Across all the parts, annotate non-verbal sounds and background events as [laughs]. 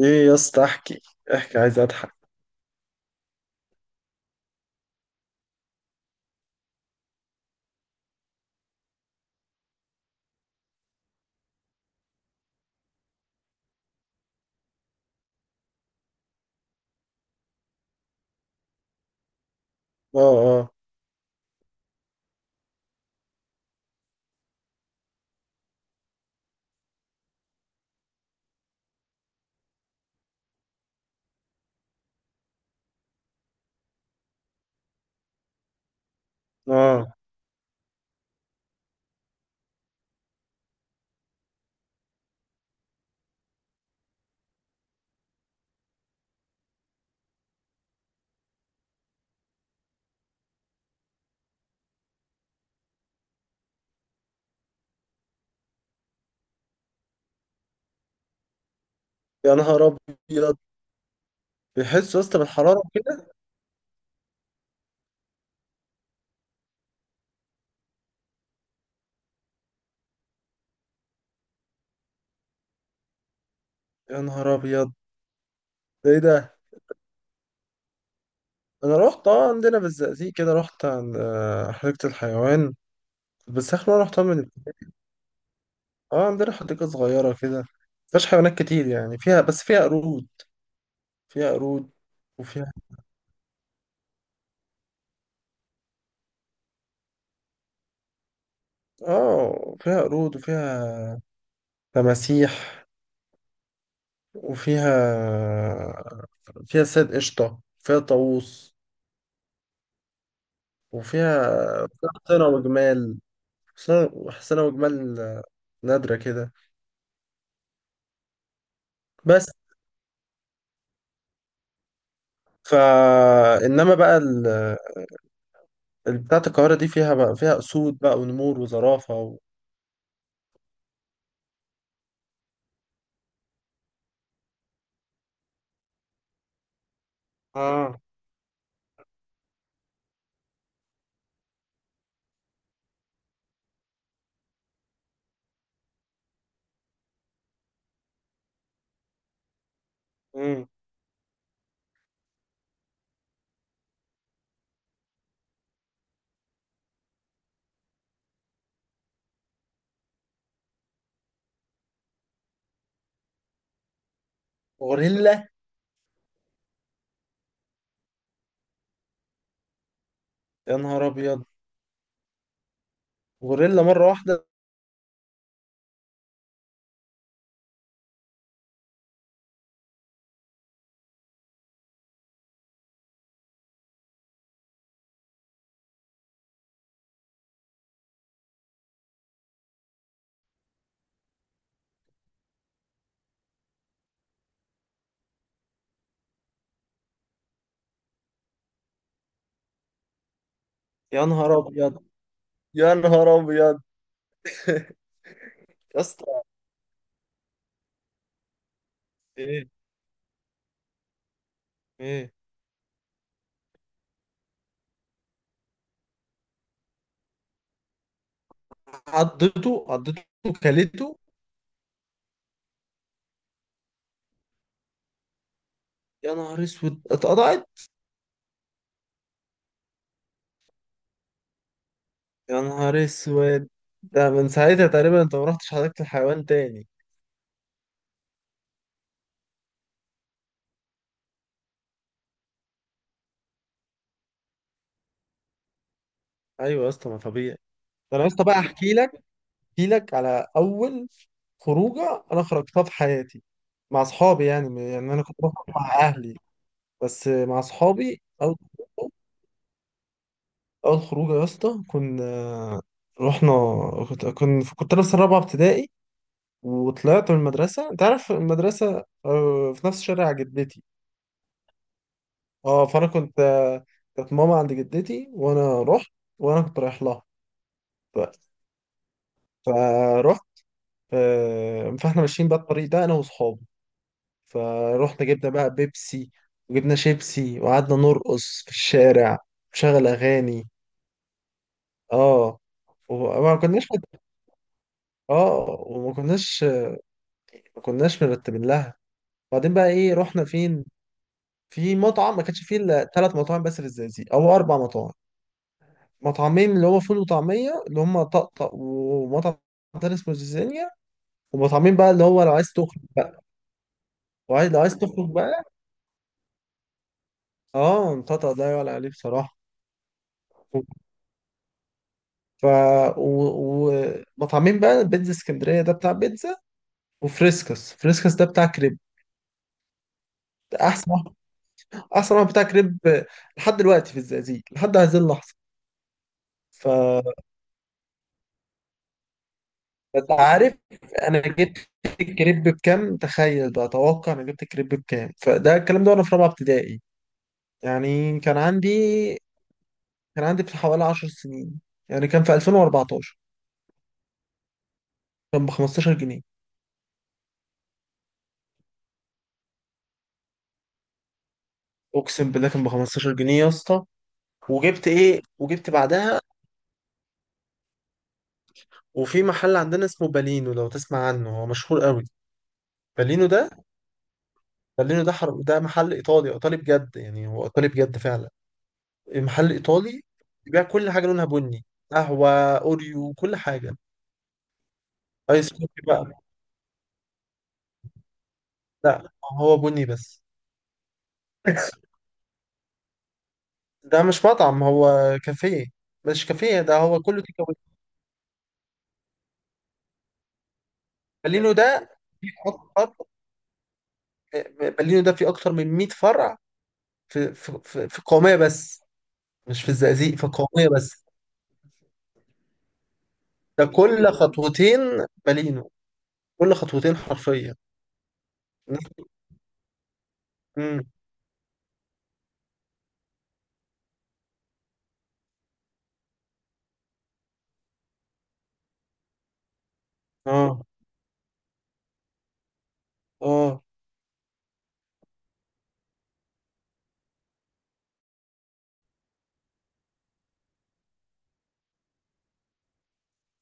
ايه يا اسطى، احكي احكي، عايز اضحك. اه. اه. اه. يا نهار ابيض. بيحس يا اسطى بالحراره كده. يا نهار ابيض. ده ايه ده؟ انا رحت، اه، عندنا بالزقازيق كده. رحت عند حديقه الحيوان. بس اخر مره رحتها من... اه، عندنا حديقه صغيره كده، مفيهاش حيوانات كتير. يعني فيها، بس فيها قرود. فيها قرود وفيها اه، فيها قرود وفيها تماسيح، وفيها، فيها صيد قشطه، فيها طاووس وفيها حسنة وجمال. حسنة حسنة وجمال، نادرة كده. بس، فا إنما بقى بتاعة القاهرة دي فيها بقى فيها أسود بقى ونمور وزرافة اه. امم غوريلا. يا نهار أبيض. غوريلا مرة واحدة؟ يا نهار أبيض. يا نهار أبيض يا اسطى. ايه؟ ايه؟ عضته؟ عضته؟ كلته؟ يا نهار اسود، اتقطعت. يا نهار اسود. ده من ساعتها تقريبا انت ما رحتش حديقة الحيوان تاني؟ ايوه يا اسطى، ما طبيعي. ده انا يا اسطى بقى احكي لك، احكي لك على اول خروجه انا خرجتها في حياتي مع اصحابي. يعني يعني انا كنت بخرج مع اهلي، بس مع اصحابي اول خروجه. اول خروجه يا اسطى كنا رحنا، كنت انا في سنه رابعه ابتدائي وطلعت من المدرسه. انت عارف المدرسه في نفس شارع جدتي. اه. فانا كنت كانت ماما عند جدتي وانا رحت، وانا كنت رايح لها. ف- فرحت. فاحنا ماشيين بقى الطريق ده انا واصحابي. فروحنا جبنا بقى بيبسي وجبنا شيبسي وقعدنا نرقص في الشارع، نشغل اغاني. اه وما كناش اه وما كناش ما كناش مرتبين لها. وبعدين بقى ايه؟ رحنا فين؟ في مطعم. ما كانش فيه الا ثلاث مطاعم بس في الزقازيق او اربع مطاعم. مطعمين اللي هو فول وطعميه اللي هم طقطق، ومطعم تاني اسمه زيزانيا. ومطعمين بقى اللي هو لو عايز تخرج بقى، لو عايز تخرج بقى. اه، طقطق ده يعلى عليه بصراحه. ف و- ومطعمين بقى: بيتزا اسكندريه ده بتاع بيتزا، وفريسكس. فريسكس ده بتاع كريب، احسن واحد. احسن واحد بتاع كريب لحد دلوقتي في الزقازيق، لحد هذه اللحظه. ف، انت عارف، انا جبت الكريب بكام؟ تخيل بقى، توقع انا جبت الكريب بكام، فده الكلام ده وانا في رابعه ابتدائي. يعني كان عندي في حوالي 10 سنين، يعني كان في 2014. كان ب 15 جنيه. اقسم بالله كان ب 15 جنيه يا اسطى. وجبت ايه وجبت بعدها؟ وفي محل عندنا اسمه بالينو، لو تسمع عنه هو مشهور قوي. بالينو ده، بالينو ده ده محل ايطالي. ايطالي بجد، يعني هو ايطالي بجد فعلا. محل ايطالي بيبيع كل حاجه لونها بني. قهوه، اوريو، كل حاجه. ايس كوفي بقى. لا، هو بني بس. [laughs] ده مش مطعم، هو كافيه. مش كافيه، ده هو كله تيك أواي. بالينو ده أكتر، بالينو ده فيه أكتر من 100 فرع في القومية بس. مش في الزقازيق، في القومية بس. ده كل خطوتين بالينو. كل خطوتين حرفيا. امم اه. اه.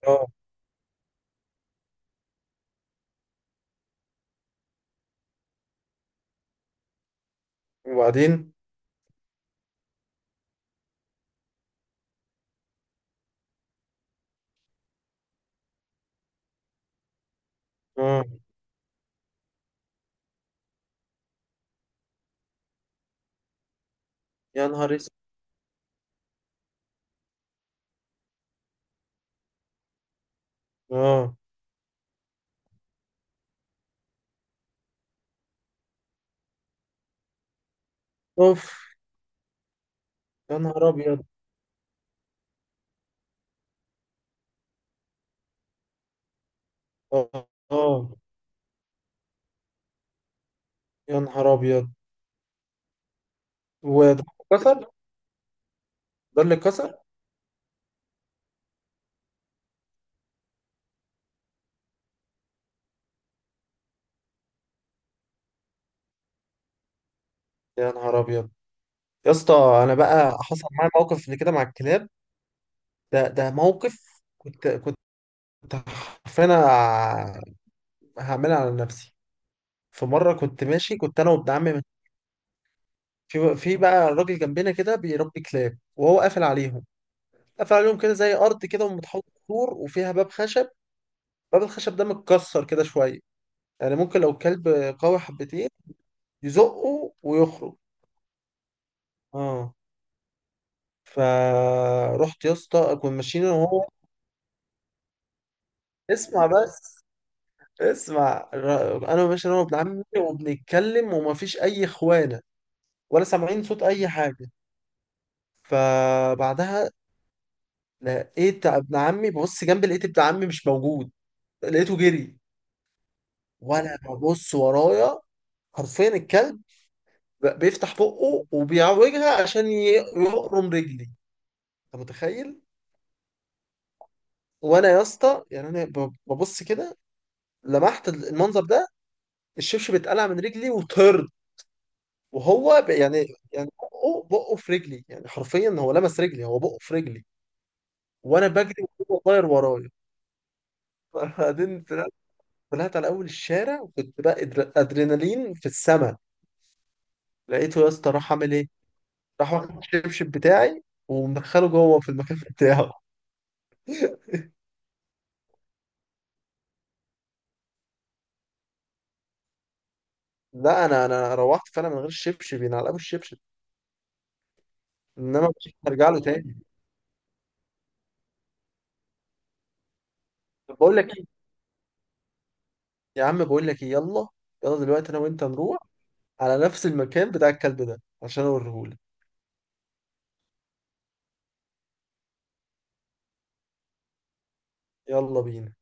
اه. وبعدين. اه. يا نهار اسود. اه. اوف. يا نهار ابيض. اه. اه. يا نهار ابيض. وده كسر؟ ده اللي كسر. يا نهار ابيض يا اسطى. انا بقى حصل معايا موقف اللي كده مع الكلاب. ده موقف. كنت حرفيا أنا هعملها على نفسي. في مره كنت ماشي، كنت انا وابن عمي. في بقى راجل جنبنا كده بيربي كلاب وهو قافل عليهم. قافل عليهم كده زي ارض كده ومتحوط سور، وفيها باب خشب. باب الخشب ده متكسر كده شويه، يعني ممكن لو الكلب قوي حبتين يزقه ويخرج. اه. فرحت يا اسطى كنا ماشيين انا وهو. اسمع بس، اسمع، انا ماشي انا وابن عمي وبنتكلم، ومفيش اي اخوانه، ولا سامعين صوت اي حاجه. فبعدها لقيت ابن عمي ببص جنبي، لقيت ابن عمي مش موجود، لقيته جري. وانا ببص ورايا، حرفيا الكلب بيفتح بقه وبيعوجها عشان يقرم رجلي. انت متخيل؟ وانا يا اسطى يعني انا ببص كده، لمحت المنظر ده، الشبشب اتقلع من رجلي وطرد. وهو يعني، يعني بقه، بقه في رجلي، يعني حرفيا هو لمس رجلي، هو بقه في رجلي. وانا بجري وهو طاير ورايا. بعدين طلعت، طلعت على اول الشارع، وكنت بقى ادرينالين في السما. لقيته يا اسطى راح عامل ايه؟ راح واخد الشبشب بتاعي ومدخله جوه في المكان بتاعه. لا، انا، روحت فعلا من غير الشبشب، ينعلقوا الشبشب. انما مش هرجع له تاني. طب بقول لك ايه، يا عم بقول لك ايه، يلا. يلا دلوقتي انا وانت نروح على نفس المكان بتاع الكلب ده عشان اوريهولك. يلا بينا.